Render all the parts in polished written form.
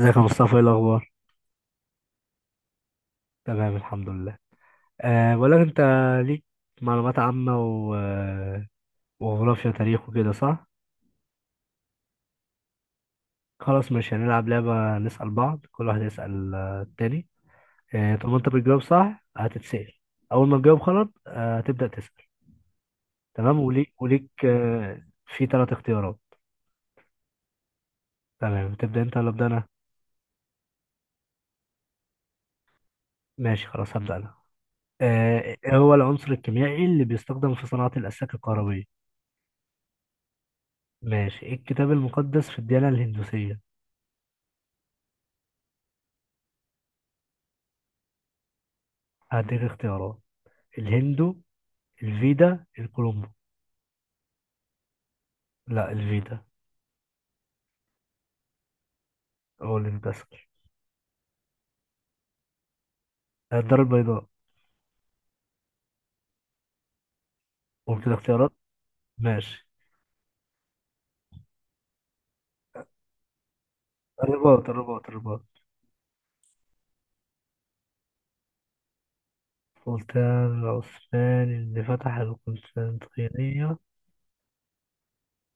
ازيك يا مصطفى، ايه الاخبار؟ تمام، الحمد لله. بقول لك انت. ليك معلومات عامه و... آه، وجغرافيا وتاريخ وكده، صح؟ خلاص، مش هنلعب لعبه نسال بعض، كل واحد يسال التاني. طب ما انت بتجاوب صح هتتسال. اول ما تجاوب غلط هتبدا تسال. تمام، وليك وليك في 3 اختيارات. تمام، تبدا انت ولا ابدا انا؟ ماشي، خلاص هبدا انا. إيه هو العنصر الكيميائي اللي بيستخدم في صناعه الاسلاك الكهربائيه؟ ماشي. إيه الكتاب المقدس في الديانه الهندوسيه؟ هديك اختيارات. الهندو، الفيدا، الكولومبو. لا، الفيدا. هو اللي بتسأل. الدار البيضاء. قلت الاختيارات. ماشي. الرباط، الرباط، الرباط. سلطان العثماني اللي فتح القسطنطينية.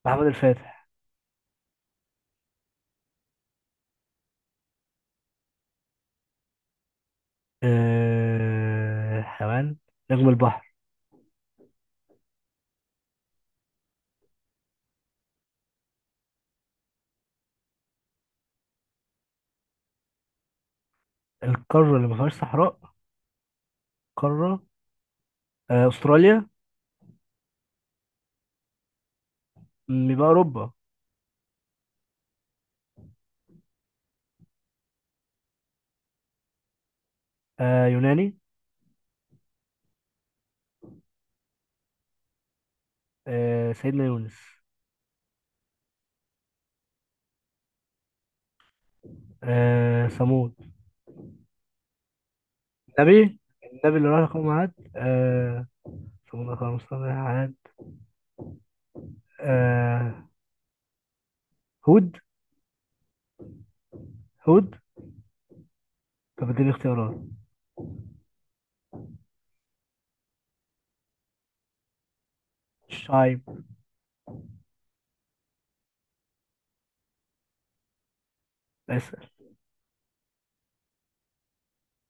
محمد الفاتح. حيوان. نجم البحر. القارة اللي ما فيهاش صحراء. قارة. أستراليا. يبقى أوروبا. يوناني. سيدنا يونس. ثمود. نبي. النبي اللي راح يقوم عاد. شغل خمسة واحد. آه. هود. هود. طب اديني اختيارات. الشايب. اسأل.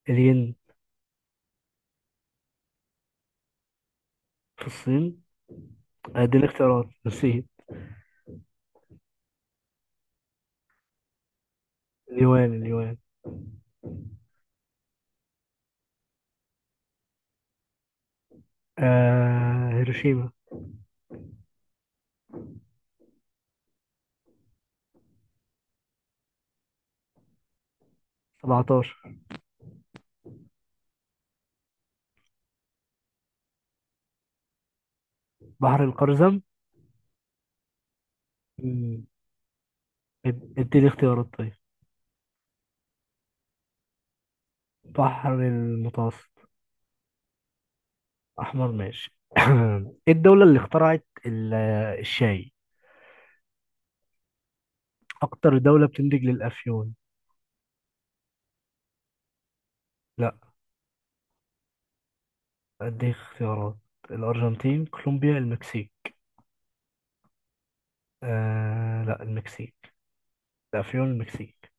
الين. في الصين. اديني اختيارات، نسيت. اليوان، اليوان. هيروشيما. 17. بحر القرزم. مم. اديني اختيارات طيب. بحر المتوسط. احمر. ماشي. ايه الدولة اللي اخترعت الشاي؟ اكتر دولة بتنتج للافيون. لا. اديك اختيارات. الارجنتين، كولومبيا، المكسيك. لا، المكسيك. لا، فيون المكسيك.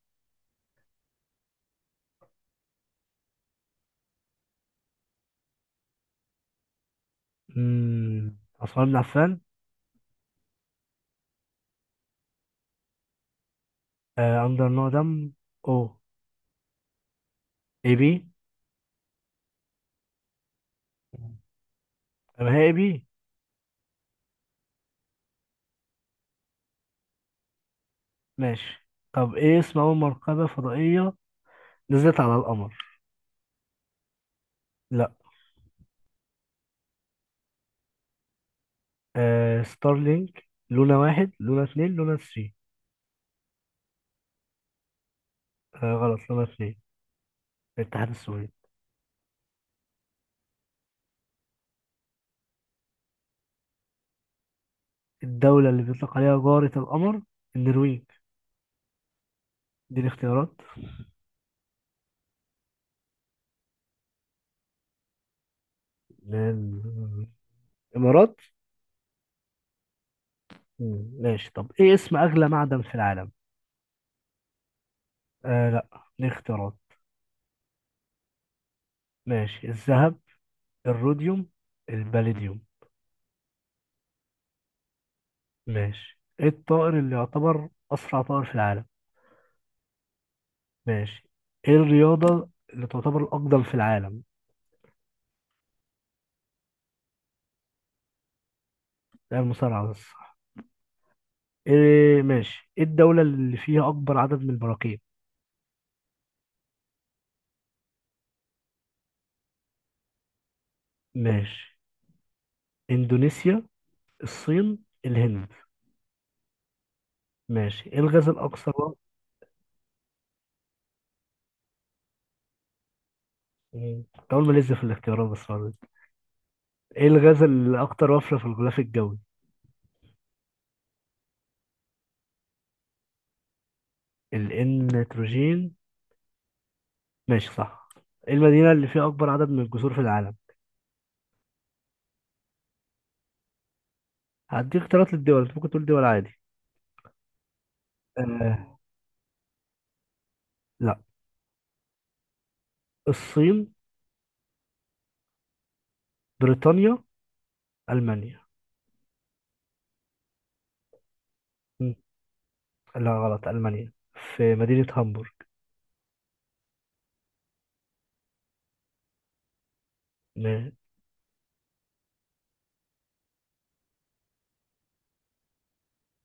عثمان بن عفان. أندر دم. أو. إي بي. طب هي إي بي. ماشي. طب إيه اسم أول مركبة فضائية نزلت على القمر؟ لا. ستارلينك، لونا واحد، لونا اتنين، لونا ثري. غلط، لونا اتنين. الاتحاد السوفيتي. الدولة اللي بيطلق عليها جارة القمر. النرويج. دي الاختيارات. الإمارات. ماشي. طب إيه اسم أغلى معدن في العالم؟ لا. ليه اختيارات. ماشي. الذهب، الروديوم، الباليديوم. ماشي. ايه الطائر اللي يعتبر أسرع طائر في العالم؟ ماشي. ايه الرياضة اللي تعتبر الأقدم في العالم؟ ده المصارعة بس. ايه، ماشي. ايه الدولة اللي فيها أكبر عدد من البراكين؟ ماشي. إندونيسيا، الصين، الهند. ماشي. ايه الغاز الأكثر كنت أول ما لسه في الاختيارات بس برضه. ايه الغاز الأكثر وفرة في الغلاف الجوي؟ النيتروجين. ماشي، صح. ايه المدينة اللي فيها أكبر عدد من الجسور في العالم؟ هديك اختيارات للدول، أنت ممكن تقول دول عادي. آه لا. الصين، بريطانيا، ألمانيا. مم. لا، غلط، ألمانيا. في مدينة هامبورغ. م-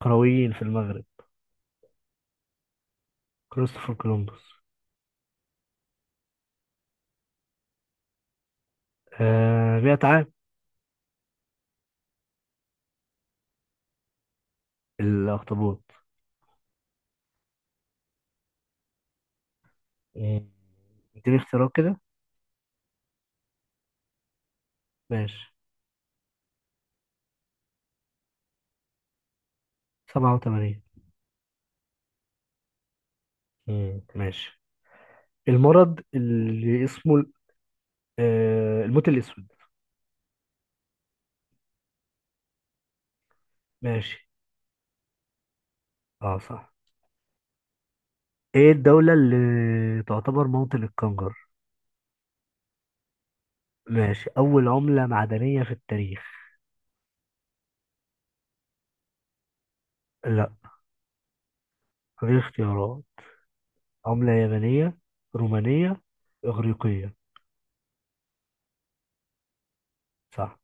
قرويين في المغرب. كريستوفر كولومبوس. 100 عام. الأخطبوط. مم. اديني اختيارات كده. ماشي. 87. ماشي. المرض اللي اسمه الموت الأسود. ماشي. اه، صح. ايه الدولة اللي تعتبر موطن الكنجر؟ ماشي. أول عملة معدنية في التاريخ. لا. غير اختيارات. عملة يابانية، رومانية، إغريقية. صح.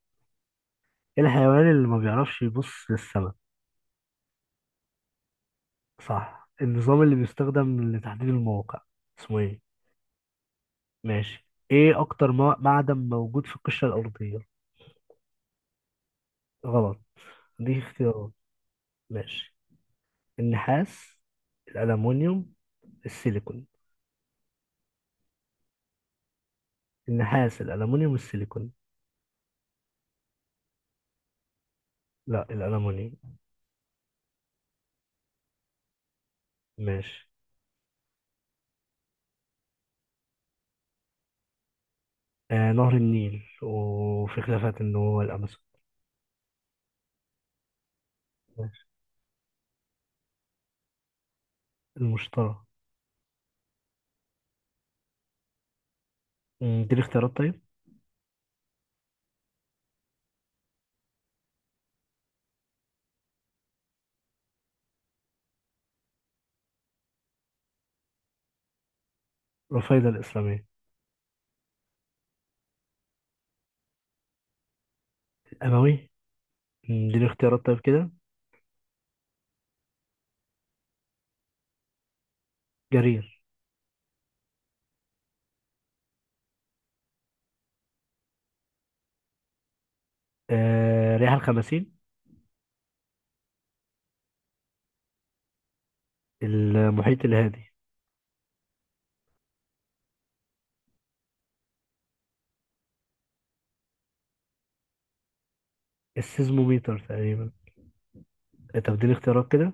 إيه الحيوان اللي ما بيعرفش يبص للسماء؟ صح. النظام اللي بيستخدم لتحديد المواقع اسمه ايه؟ ماشي. ايه أكتر معدن موجود في القشرة الأرضية؟ غلط. دي اختيارات. ماشي. النحاس، الألمونيوم، السيليكون. النحاس، الألمونيوم، السيليكون. لا، الألمونيوم. ماشي. نهر النيل، وفي خلافات إن هو الأمازون. ماشي. المشترى. دي الاختيارات طيب. رفايدة الإسلامية. الأموي. دي الاختيارات طيب كده. جرير. ريح الخمسين. المحيط الهادي. السيزموميتر تقريبا. طب دي الاختيارات كده.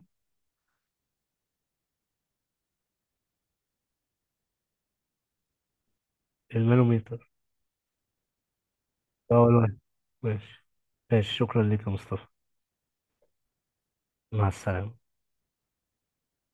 المانوميتر. أول واحد. ماشي. ماشي، شكرا لك يا مصطفى. مع السلامة.